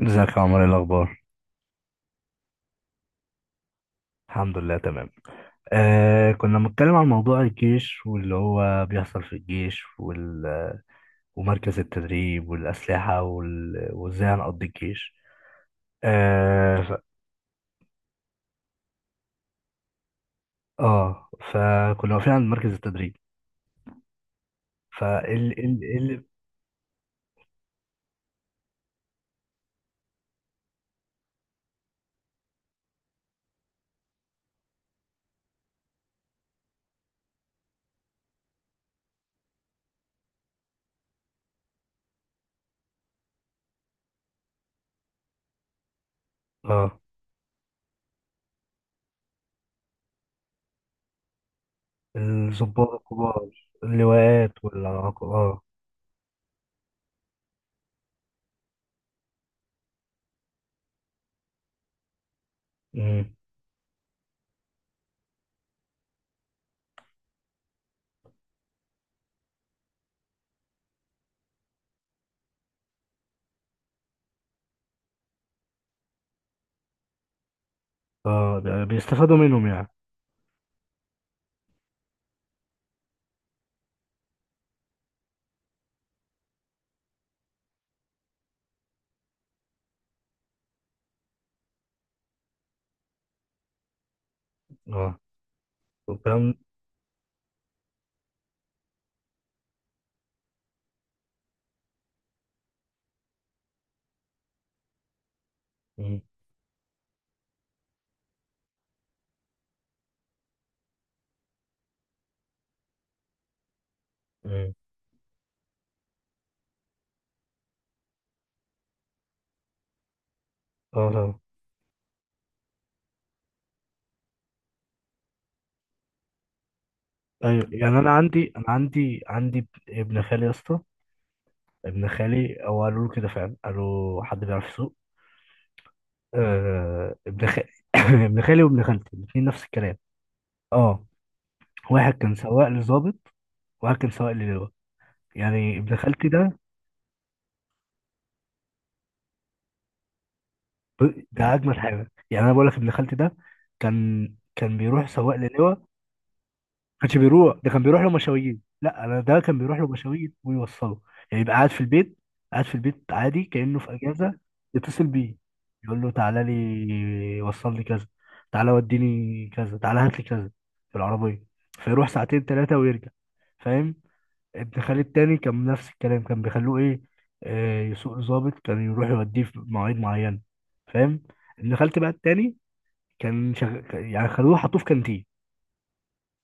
ازيك يا عمر؟ ايه الاخبار؟ الحمد لله تمام. كنا بنتكلم عن موضوع الجيش واللي هو بيحصل في الجيش ومركز التدريب والاسلحه وازاي هنقضي الجيش. اه ف... اه فكنا واقفين عند مركز التدريب. فال ال... إيه ال... اه الضباط الكبار، اللواءات والعقاب. اه مم. اه ده بيستفادوا منهم يعني. اه والكلام. مم. مم. اه طبعا. ايوه يعني انا عندي ابن خالي يا اسطى. ابن خالي هو قالوا له كده فعلا، قالوا حد بيعرف يسوق. آه ابن خالي. ابن خالي وابن خالتي الاثنين نفس الكلام. اه. واحد كان سواق لظابط وواحد كان سواق للواء. يعني ابن خالتي ده، ده اجمل حاجه. يعني انا بقول لك ابن خالتي ده كان كان بيروح سواق للواء. كانش بيروح، ده كان بيروح له مشاوير. لا انا ده كان بيروح له مشاوير ويوصله. يعني يبقى قاعد في البيت، قاعد في البيت عادي كأنه في اجازه. يتصل بيه يقول له تعالى لي وصل لي كذا، تعالى وديني كذا، تعالى هات لي كذا في العربيه. فيروح ساعتين ثلاثه ويرجع، فاهم؟ ابن خالي التاني كان نفس الكلام، كان بيخلوه ايه آه، يسوق ظابط. كان يروح يوديه في مواعيد معينه، فاهم؟ ابن خالتي بقى التاني كان يعني خلوه حطوه في كانتين،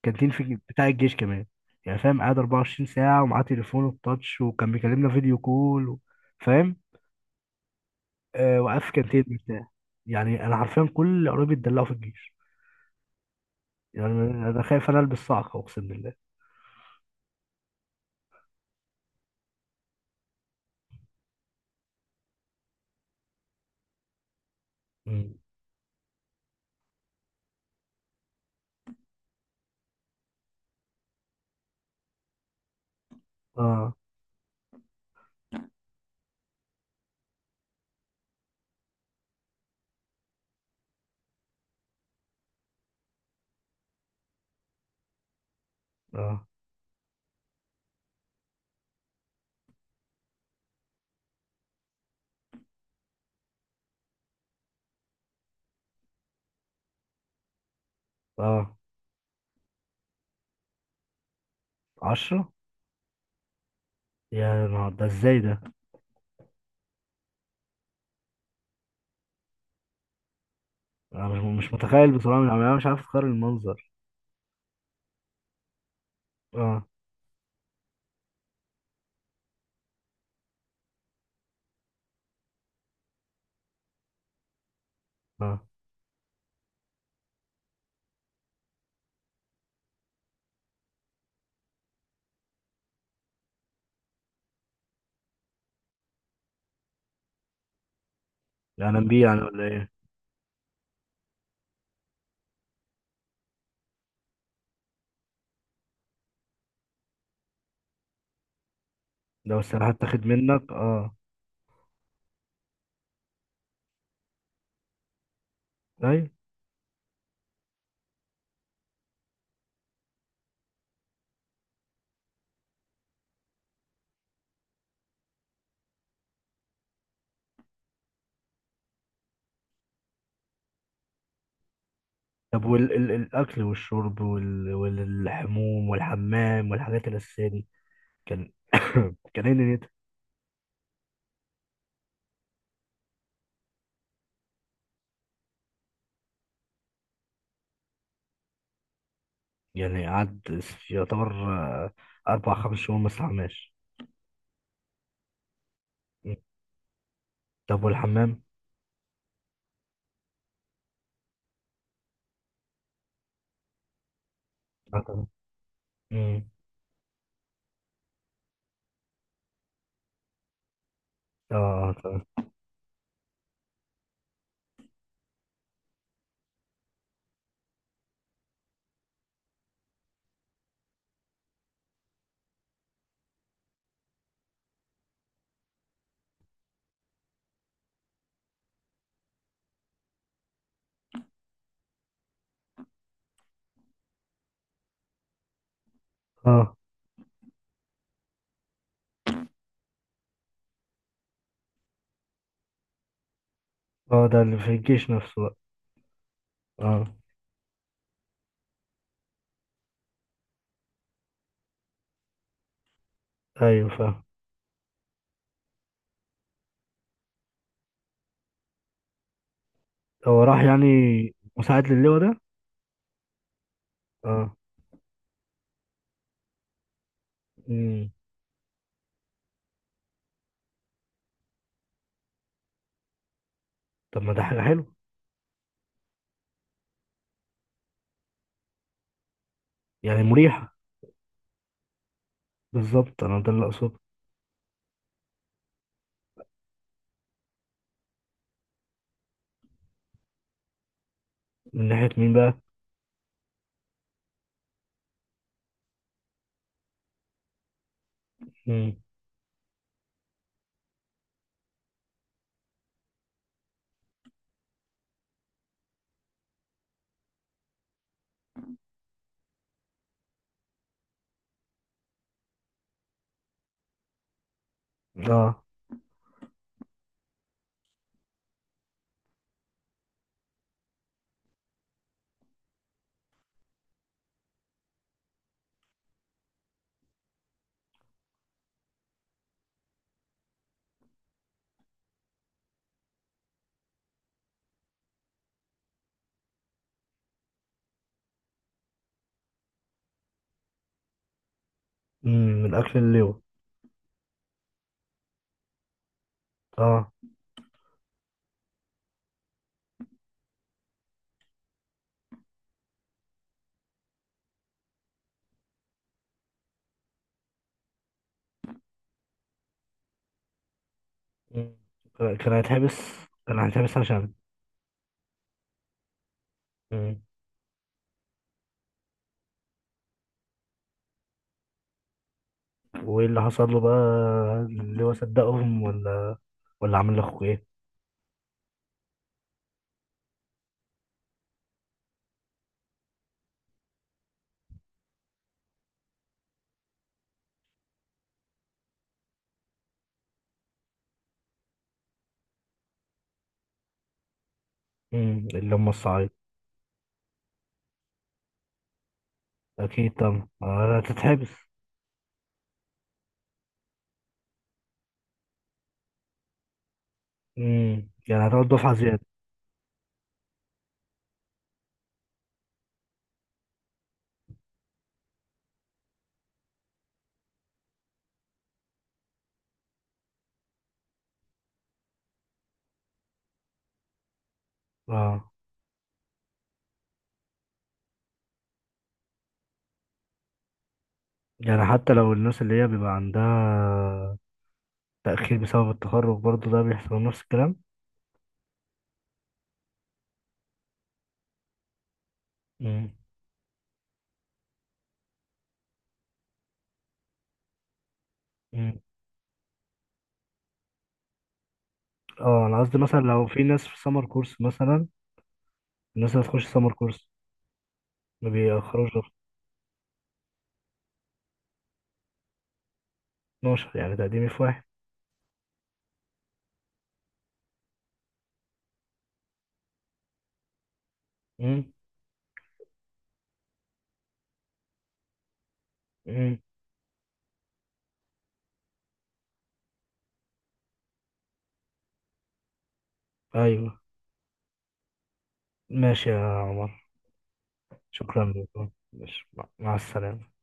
كانتين في بتاع الجيش كمان. يعني فاهم، قاعد 24 ساعة ومعاه تليفونه التاتش وكان بيكلمنا فيديو كول فاهم. آه وقف في كانتين مرتاح. يعني أنا حرفيا كل قرايبي اتدلعوا في الجيش. يعني أنا خايف أنا ألبس صعقة أقسم بالله. مم. آه. آه. آه. عشرة. يا نهار ده، ازاي ده؟ أنا مش متخيل بصراحة. أنا مش عارف أتخيل المنظر. آه. آه. يعني بيه يعني ولا إيه؟ لو السلاح اتاخد منك آه. أيوة. طب والأكل والشرب والحموم والحمام والحاجات الأساسية دي؟ كان. كان إيه نيته؟ يعني قعد يعتبر أربع خمس شهور ما استحماش. مم. طب والحمام؟ آه طبعا. مم. آه طبعا. آه. آه، ده اللي في الجيش نفسه بقى. آه. أيوه فاهم. هو راح يعني مساعد للواء ده؟ آه. مم. طب ما ده حاجة حلوة. يعني مريحة. بالظبط، أنا ده اللي أقصده. من ناحية مين بقى؟ مم. آه. مم. من أكل اللواء. آه. مم. كان هيتحبس. كان هيتحبس عشان. مم. وايه اللي حصل له بقى؟ اللي هو صدقهم، ولا ولا عمل لاخوه ايه؟ مم. اللي هم الصعيد. اكيد طبعا هتتحبس. مم. يعني هتقعد دفعة زيادة. اه. يعني حتى لو الناس اللي هي بيبقى عندها تأخير بسبب التخرج، برضه ده بيحصل نفس الكلام؟ مم. مم. اه انا قصدي مثلا لو في ناس في سمر كورس مثلا، الناس اللي تخش سمر كورس ما بيأخروش غير 12. يعني تقديمي في واحد. مم. مم. ايوه. ماشي يا عمر، شكرا لك. ماشي، مع السلامة.